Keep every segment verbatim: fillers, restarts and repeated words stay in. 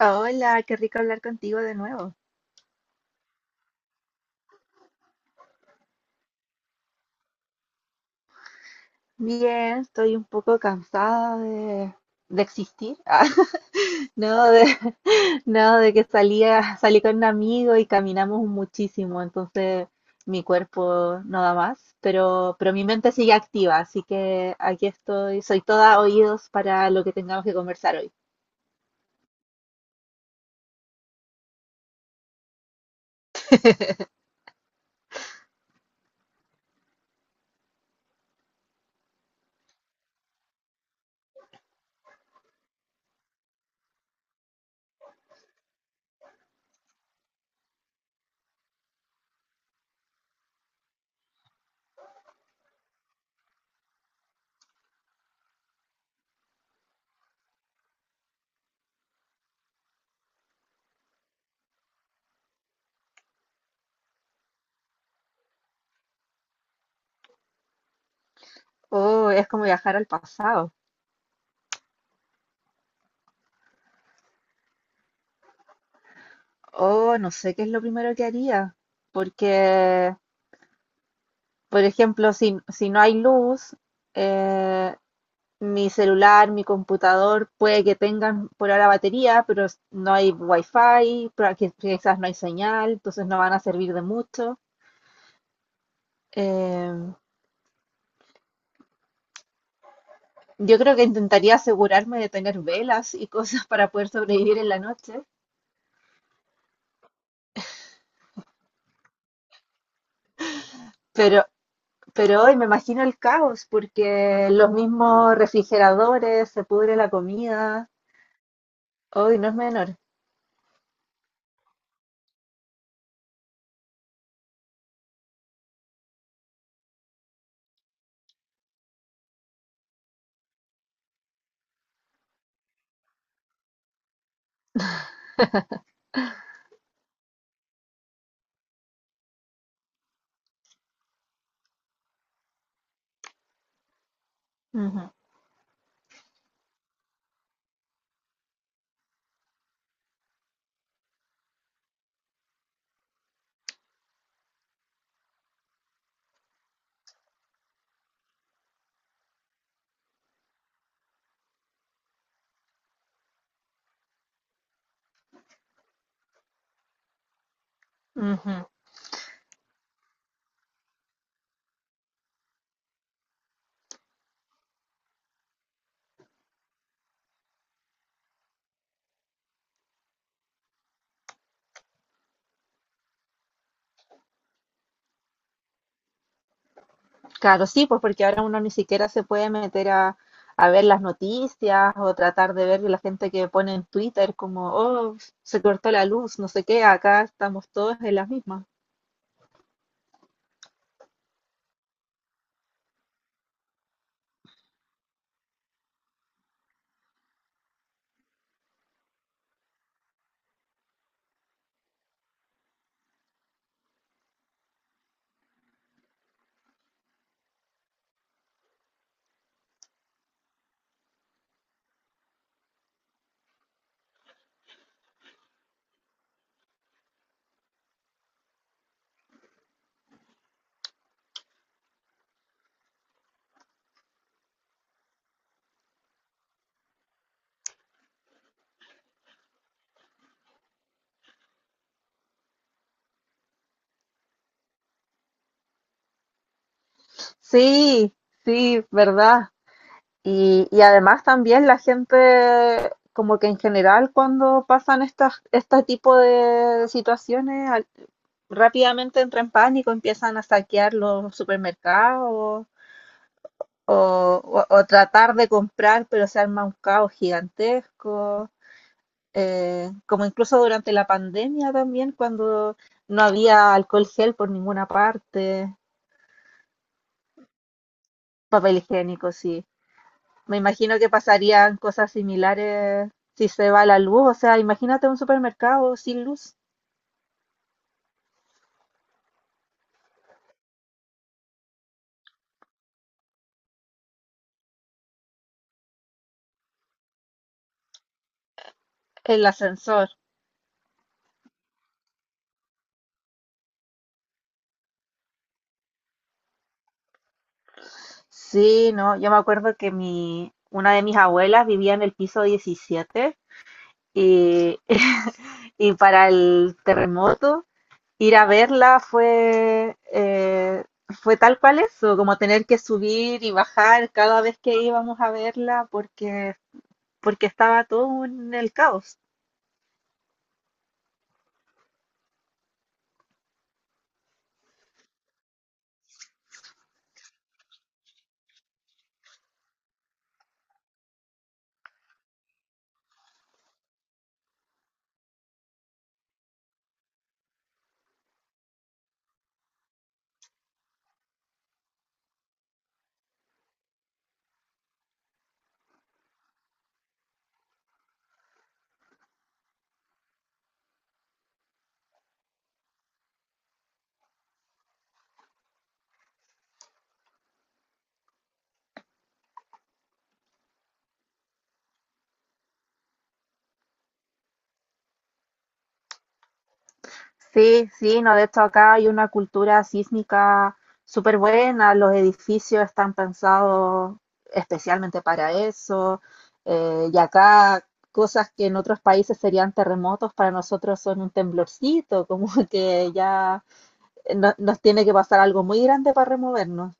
Hola, qué rico hablar contigo de nuevo. Bien, estoy un poco cansada de, de existir. Ah, no, de, no, de que salía, salí con un amigo y caminamos muchísimo, entonces mi cuerpo no da más, pero, pero mi mente sigue activa, así que aquí estoy, soy toda oídos para lo que tengamos que conversar hoy. Oh, es como viajar al pasado. Oh, no sé qué es lo primero que haría, porque, por ejemplo, si, si no hay luz, eh, mi celular, mi computador, puede que tengan por ahora batería, pero s- no hay wifi, pero aquí quizás no hay señal, entonces no van a servir de mucho. Em, yo creo que intentaría asegurarme de tener velas y cosas para poder sobrevivir en la noche, pero, pero hoy me imagino el caos, porque los mismos refrigeradores, se pudre la comida, hoy no es menor. Ujú, ujú. Claro, sí, pues porque ahora uno ni siquiera se puede meter a, a ver las noticias o tratar de ver la gente que pone en Twitter como, oh, se cortó la luz, no sé qué, acá estamos todos en las mismas. Sí, sí, verdad. Y, y además también la gente, como que en general cuando pasan estas, este tipo de situaciones, al- rápidamente entra en pánico, empiezan a saquear los supermercados o, o- o tratar de comprar, pero se arma un caos gigantesco, eh, como incluso durante la pandemia también, cuando no había alcohol gel por ninguna parte, papel higiénico, sí. Me imagino que pasarían cosas similares si se va la luz, o sea, imagínate un supermercado sin luz, el ascensor. Sí, no, yo me acuerdo que mi, una de mis abuelas vivía en el piso diecisiete y, y para el terremoto ir a verla fue, eh, fue tal cual eso, como tener que subir y bajar cada vez que íbamos a verla porque, porque estaba todo en el caos. Sí, sí, no, de hecho acá hay una cultura sísmica súper buena, los edificios están pensados especialmente para eso, eh, y acá cosas que en otros países serían terremotos, para nosotros son un temblorcito, como que ya no- nos tiene que pasar algo muy grande para removernos.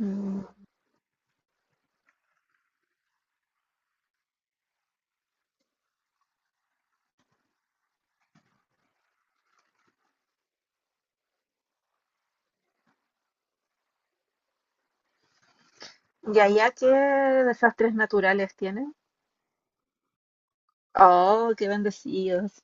Mm. ¿Y allá qué desastres naturales tienen? Oh, qué bendecidos.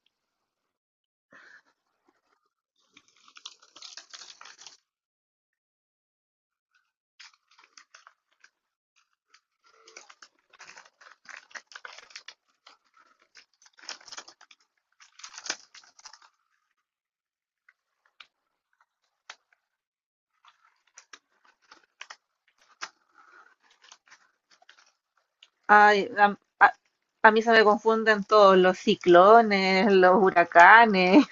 Ay, a, a- a mí se me confunden todos los ciclones, los huracanes.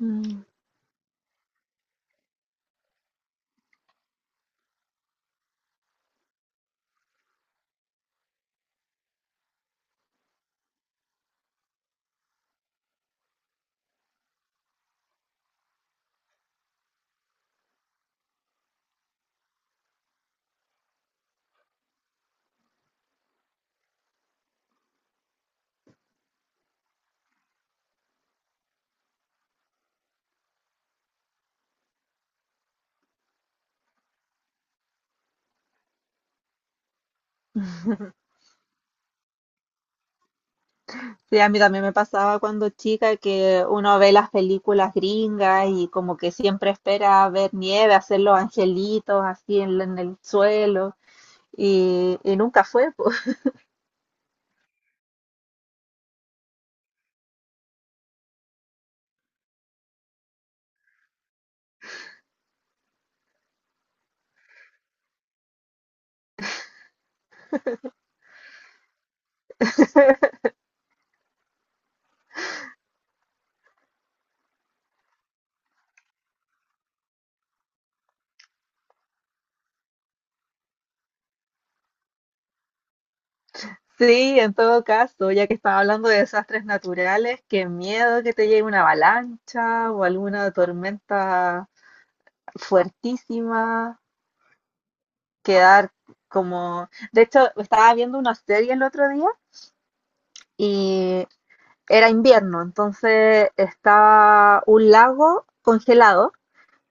Mm. Sí, a mí también me pasaba cuando chica que uno ve las películas gringas y como que siempre espera ver nieve, hacer los angelitos así en, la- en el suelo y, y nunca fue. Sí, en todo caso, ya que estaba hablando de desastres naturales, qué miedo que te llegue una avalancha o alguna tormenta fuertísima, quedar como... De hecho, estaba viendo una serie el otro día y era invierno, entonces estaba un lago congelado,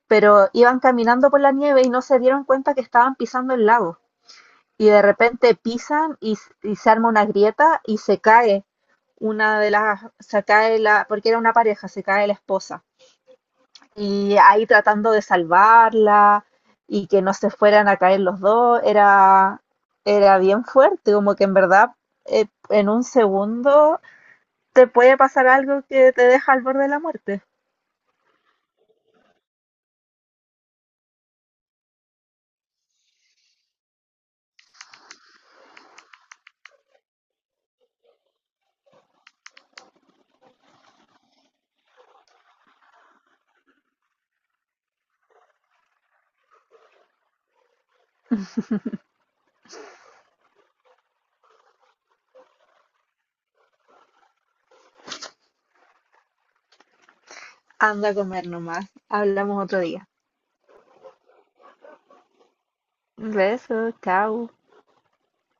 pero iban caminando por la nieve y no se dieron cuenta que estaban pisando el lago. Y de repente pisan y, s- y se arma una grieta y se cae una de las, se cae la, porque era una pareja, se cae la esposa. Y ahí tratando de salvarla y que no se fueran a caer los dos, era, era bien fuerte, como que en verdad eh, en un segundo te puede pasar algo que te deja al borde de la muerte. Anda a comer nomás, hablamos otro día. Besos, chao.